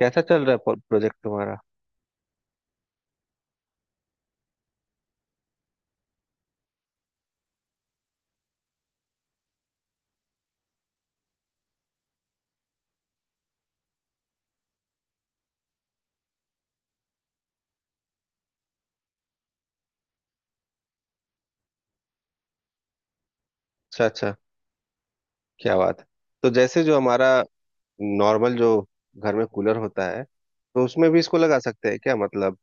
कैसा चल रहा है प्रोजेक्ट तुम्हारा। अच्छा अच्छा, क्या बात है। तो जैसे जो हमारा नॉर्मल जो घर में कूलर होता है तो उसमें भी इसको लगा सकते हैं क्या मतलब।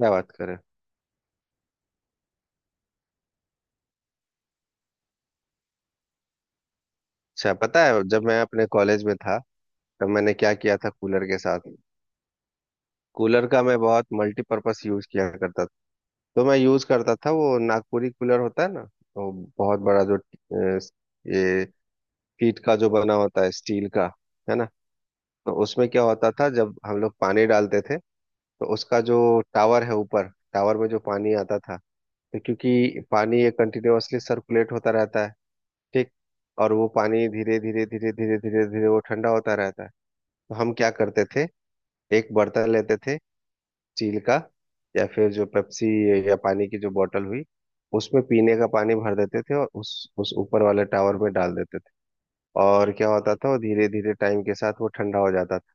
क्या बात करें। अच्छा पता है जब मैं अपने कॉलेज में था तब मैंने क्या किया था कूलर के साथ। कूलर का मैं बहुत मल्टीपर्पस यूज किया करता था। तो मैं यूज करता था, वो नागपुरी कूलर होता है ना, वो बहुत बड़ा जो ये पीठ का जो बना होता है स्टील का, है ना। तो उसमें क्या होता था जब हम लोग पानी डालते थे तो उसका जो टावर है ऊपर टावर में जो पानी आता था, तो क्योंकि पानी ये कंटिन्यूअसली सर्कुलेट होता रहता है, ठीक, और वो पानी धीरे धीरे धीरे धीरे धीरे धीरे वो ठंडा होता रहता है। तो हम क्या करते थे, एक बर्तन लेते थे स्टील का, या फिर जो पेप्सी या पानी की जो बोतल हुई, उसमें पीने का पानी भर देते थे और उस ऊपर वाले टावर में डाल देते थे। और क्या होता था, वो धीरे धीरे टाइम के साथ वो ठंडा हो जाता था,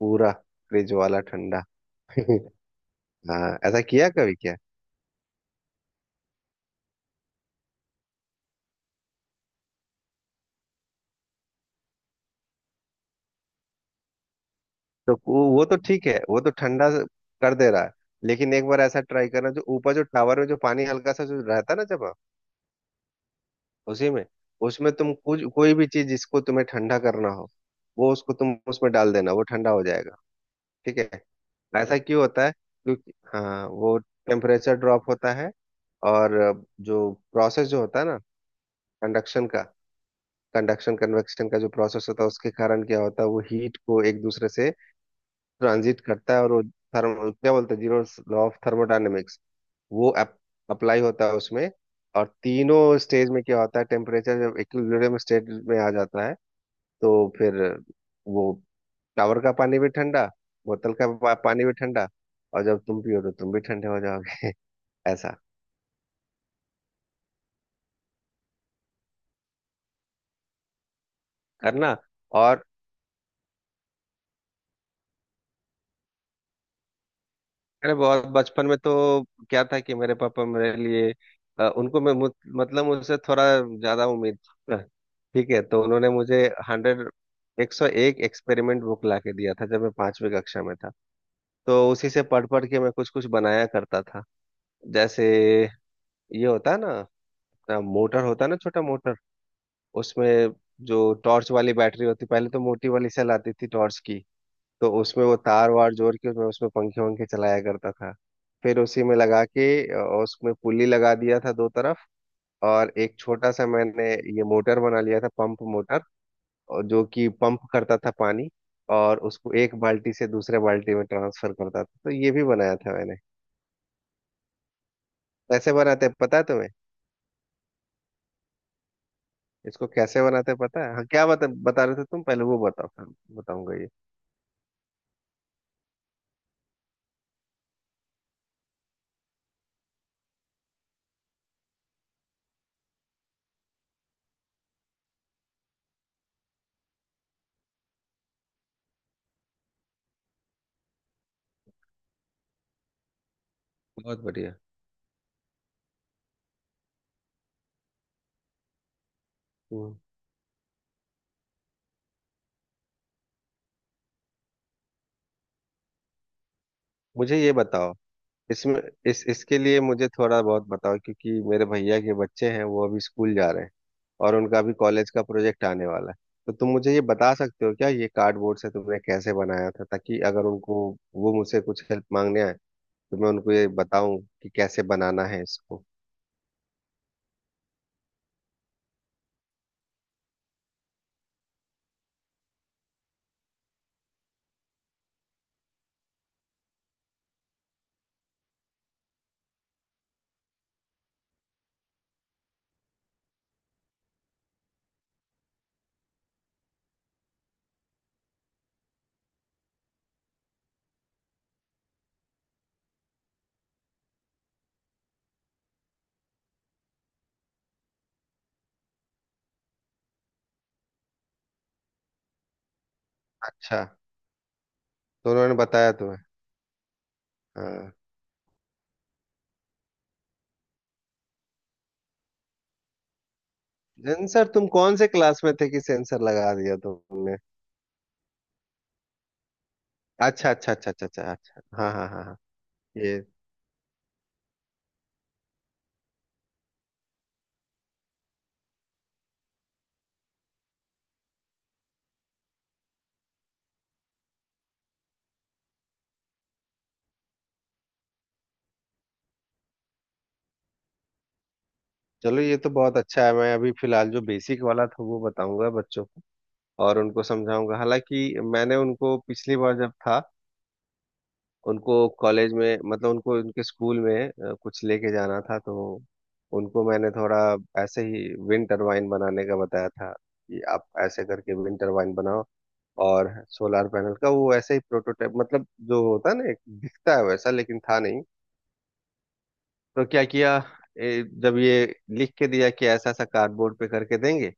पूरा फ्रिज वाला ठंडा हाँ, ऐसा किया कभी क्या। तो वो तो ठीक है, वो तो ठंडा कर दे रहा है, लेकिन एक बार ऐसा ट्राई करना, जो ऊपर जो टावर में जो पानी हल्का सा जो रहता है ना जमा, उसी में, उसमें तुम कुछ कोई भी चीज जिसको तुम्हें ठंडा करना हो, वो उसको तुम उसमें डाल देना, वो ठंडा हो जाएगा। ठीक है। ऐसा क्यों होता है, क्योंकि हाँ वो टेम्परेचर ड्रॉप होता है और जो प्रोसेस जो होता है ना, कंडक्शन का, कंडक्शन कन्वेक्शन का जो प्रोसेस होता है उसके कारण क्या होता है, वो हीट को एक दूसरे से ट्रांजिट करता है, और वो थर्म क्या बोलते हैं, जीरो लॉ ऑफ थर्मोडायनेमिक्स, वो अप्लाई होता है उसमें। और तीनों स्टेज में क्या होता है, टेम्परेचर जब इक्विलिब्रियम स्टेट में आ जाता है तो फिर वो टावर का पानी भी ठंडा, पानी भी ठंडा, और जब तुम पियो तो तुम भी ठंडे हो जाओगे। ऐसा करना। और अरे बहुत बचपन में तो क्या था कि मेरे पापा मेरे लिए उनको मैं मतलब मुझसे थोड़ा ज्यादा उम्मीद था। ठीक है, तो उन्होंने मुझे हंड्रेड 101 एक्सपेरिमेंट बुक ला के दिया था जब मैं 5वीं कक्षा में था। तो उसी से पढ़ पढ़ के मैं कुछ कुछ बनाया करता था। जैसे ये होता है ना, मोटर होता है ना, छोटा मोटर, उसमें जो टॉर्च वाली बैटरी होती, पहले तो मोटी वाली सेल आती थी टॉर्च की, तो उसमें वो तार वार जोड़ के मैं उसमें पंखे वंखे चलाया करता था। फिर उसी में लगा के, और उसमें पुली लगा दिया था 2 तरफ, और एक छोटा सा मैंने ये मोटर बना लिया था, पंप मोटर, और जो कि पंप करता था पानी, और उसको एक बाल्टी से दूसरे बाल्टी में ट्रांसफर करता था, तो ये भी बनाया था मैंने। कैसे बनाते हैं पता है तुम्हें, इसको कैसे बनाते हैं पता है। हाँ क्या बता बता रहे थे तुम, पहले वो बताओ, फिर बताऊंगा ये। बहुत बढ़िया। हम्म। मुझे ये बताओ इसमें, इस इसके लिए मुझे थोड़ा बहुत बताओ, क्योंकि मेरे भैया के बच्चे हैं, वो अभी स्कूल जा रहे हैं और उनका अभी कॉलेज का प्रोजेक्ट आने वाला है। तो तुम मुझे ये बता सकते हो क्या, ये कार्डबोर्ड से तुमने कैसे बनाया था, ताकि अगर उनको वो मुझसे कुछ हेल्प मांगने आए तो मैं उनको ये बताऊं कि कैसे बनाना है इसको। अच्छा, तो उन्होंने बताया तुम्हें। हाँ। सेंसर, तुम कौन से क्लास में थे कि सेंसर लगा दिया तुमने। अच्छा अच्छा अच्छा अच्छा अच्छा अच्छा, हाँ हाँ हाँ हाँ। ये, चलो ये तो बहुत अच्छा है। मैं अभी फिलहाल जो बेसिक वाला था वो बताऊंगा बच्चों को और उनको समझाऊंगा। हालांकि मैंने उनको पिछली बार जब था, उनको कॉलेज में, मतलब उनको उनके स्कूल में कुछ लेके जाना था, तो उनको मैंने थोड़ा ऐसे ही विंड टरबाइन बनाने का बताया था कि आप ऐसे करके विंड टरबाइन बनाओ, और सोलार पैनल का वो ऐसे ही प्रोटोटाइप, मतलब जो होता है ना, एक दिखता है वैसा लेकिन था नहीं। तो क्या किया, जब ये लिख के दिया कि ऐसा ऐसा कार्डबोर्ड पे करके देंगे,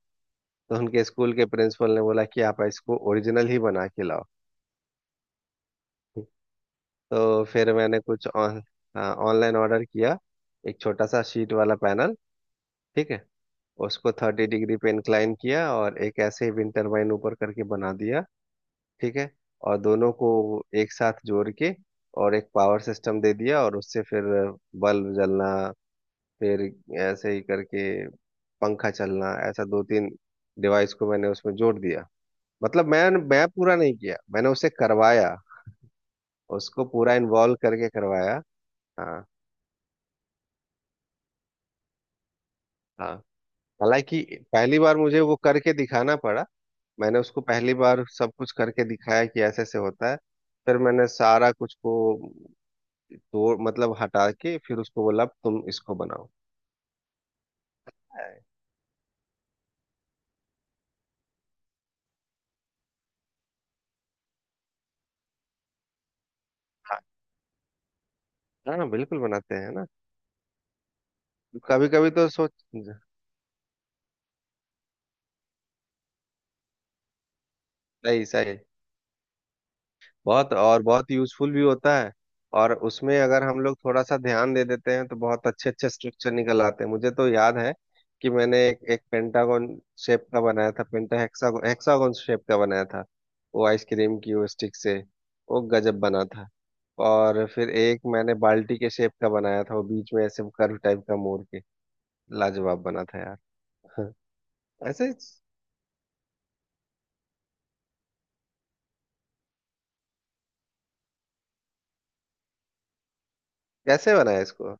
तो उनके स्कूल के प्रिंसिपल ने बोला कि आप इसको ओरिजिनल ही बना के लाओ। तो फिर मैंने कुछ ऑन हाँ, ऑनलाइन ऑर्डर किया, एक छोटा सा शीट वाला पैनल, ठीक है, उसको 30 डिग्री पे इंक्लाइन किया और एक ऐसे ही विंड टरबाइन ऊपर करके बना दिया। ठीक है। और दोनों को एक साथ जोड़ के और एक पावर सिस्टम दे दिया, और उससे फिर बल्ब जलना, फिर ऐसे ही करके पंखा चलना, ऐसा 2-3 डिवाइस को मैंने उसमें जोड़ दिया। मतलब मैं पूरा नहीं किया, मैंने उसे करवाया, उसको पूरा इन्वॉल्व करके करवाया। हाँ हाँ। हालांकि पहली बार मुझे वो करके दिखाना पड़ा, मैंने उसको पहली बार सब कुछ करके दिखाया कि ऐसे ऐसे होता है, फिर मैंने सारा कुछ को तोड़, मतलब हटा के फिर उसको बोला, "अब तुम इसको बनाओ।" हाँ हाँ, बिल्कुल बनाते हैं ना। कभी कभी तो सोच। सही सही, बहुत और बहुत यूजफुल भी होता है, और उसमें अगर हम लोग थोड़ा सा ध्यान दे देते हैं तो बहुत अच्छे अच्छे स्ट्रक्चर निकल आते हैं। मुझे तो याद है कि मैंने एक पेंटागोन शेप का बनाया था, पेंटा हेक्सागोन, हेक्सागोन शेप का बनाया था, वो आइसक्रीम की वो स्टिक से, वो गजब बना था। और फिर एक मैंने बाल्टी के शेप का बनाया था, वो बीच में ऐसे कर्व टाइप का मोड़ के, लाजवाब बना था यार। ऐसे। कैसे बनाया इसको,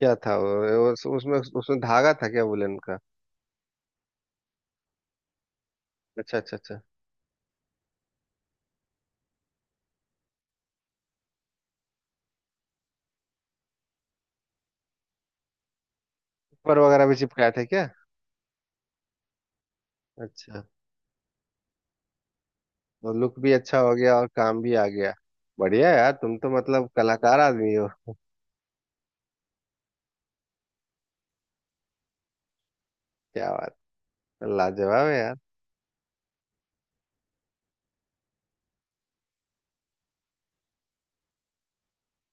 क्या था वो, उसमें उसमें धागा था क्या वुलन का। अच्छा अच्छा अच्छा। पर वगैरह भी चिपकाया था क्या। अच्छा, तो लुक भी अच्छा हो गया और काम भी आ गया। बढ़िया यार, तुम तो मतलब कलाकार आदमी हो। क्या बात, लाजवाब है यार।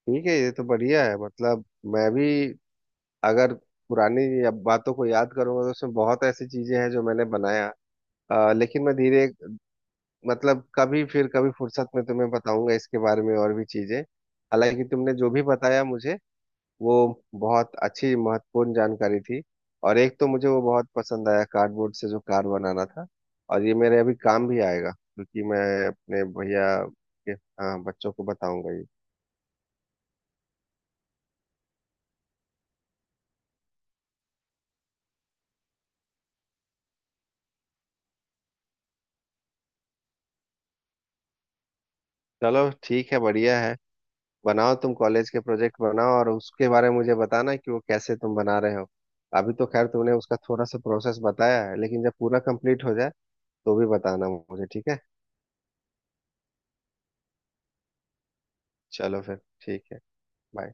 ठीक है, ये तो बढ़िया है, मतलब। मैं भी अगर पुरानी बातों को याद करूंगा तो उसमें बहुत ऐसी चीजें हैं जो मैंने बनाया, लेकिन मैं धीरे, मतलब कभी फिर कभी फुर्सत में तुम्हें बताऊंगा इसके बारे में और भी चीजें। हालांकि तुमने जो भी बताया मुझे, वो बहुत अच्छी महत्वपूर्ण जानकारी थी। और एक तो मुझे वो बहुत पसंद आया कार्डबोर्ड से जो कार बनाना था, और ये मेरे अभी काम भी आएगा क्योंकि मैं अपने भैया के, हाँ, बच्चों को बताऊंगा ये। चलो ठीक है, बढ़िया है। बनाओ, तुम कॉलेज के प्रोजेक्ट बनाओ, और उसके बारे में मुझे बताना कि वो कैसे तुम बना रहे हो। अभी तो खैर तुमने उसका थोड़ा सा प्रोसेस बताया है, लेकिन जब पूरा कंप्लीट हो जाए तो भी बताना मुझे, ठीक है। चलो फिर ठीक है। bye।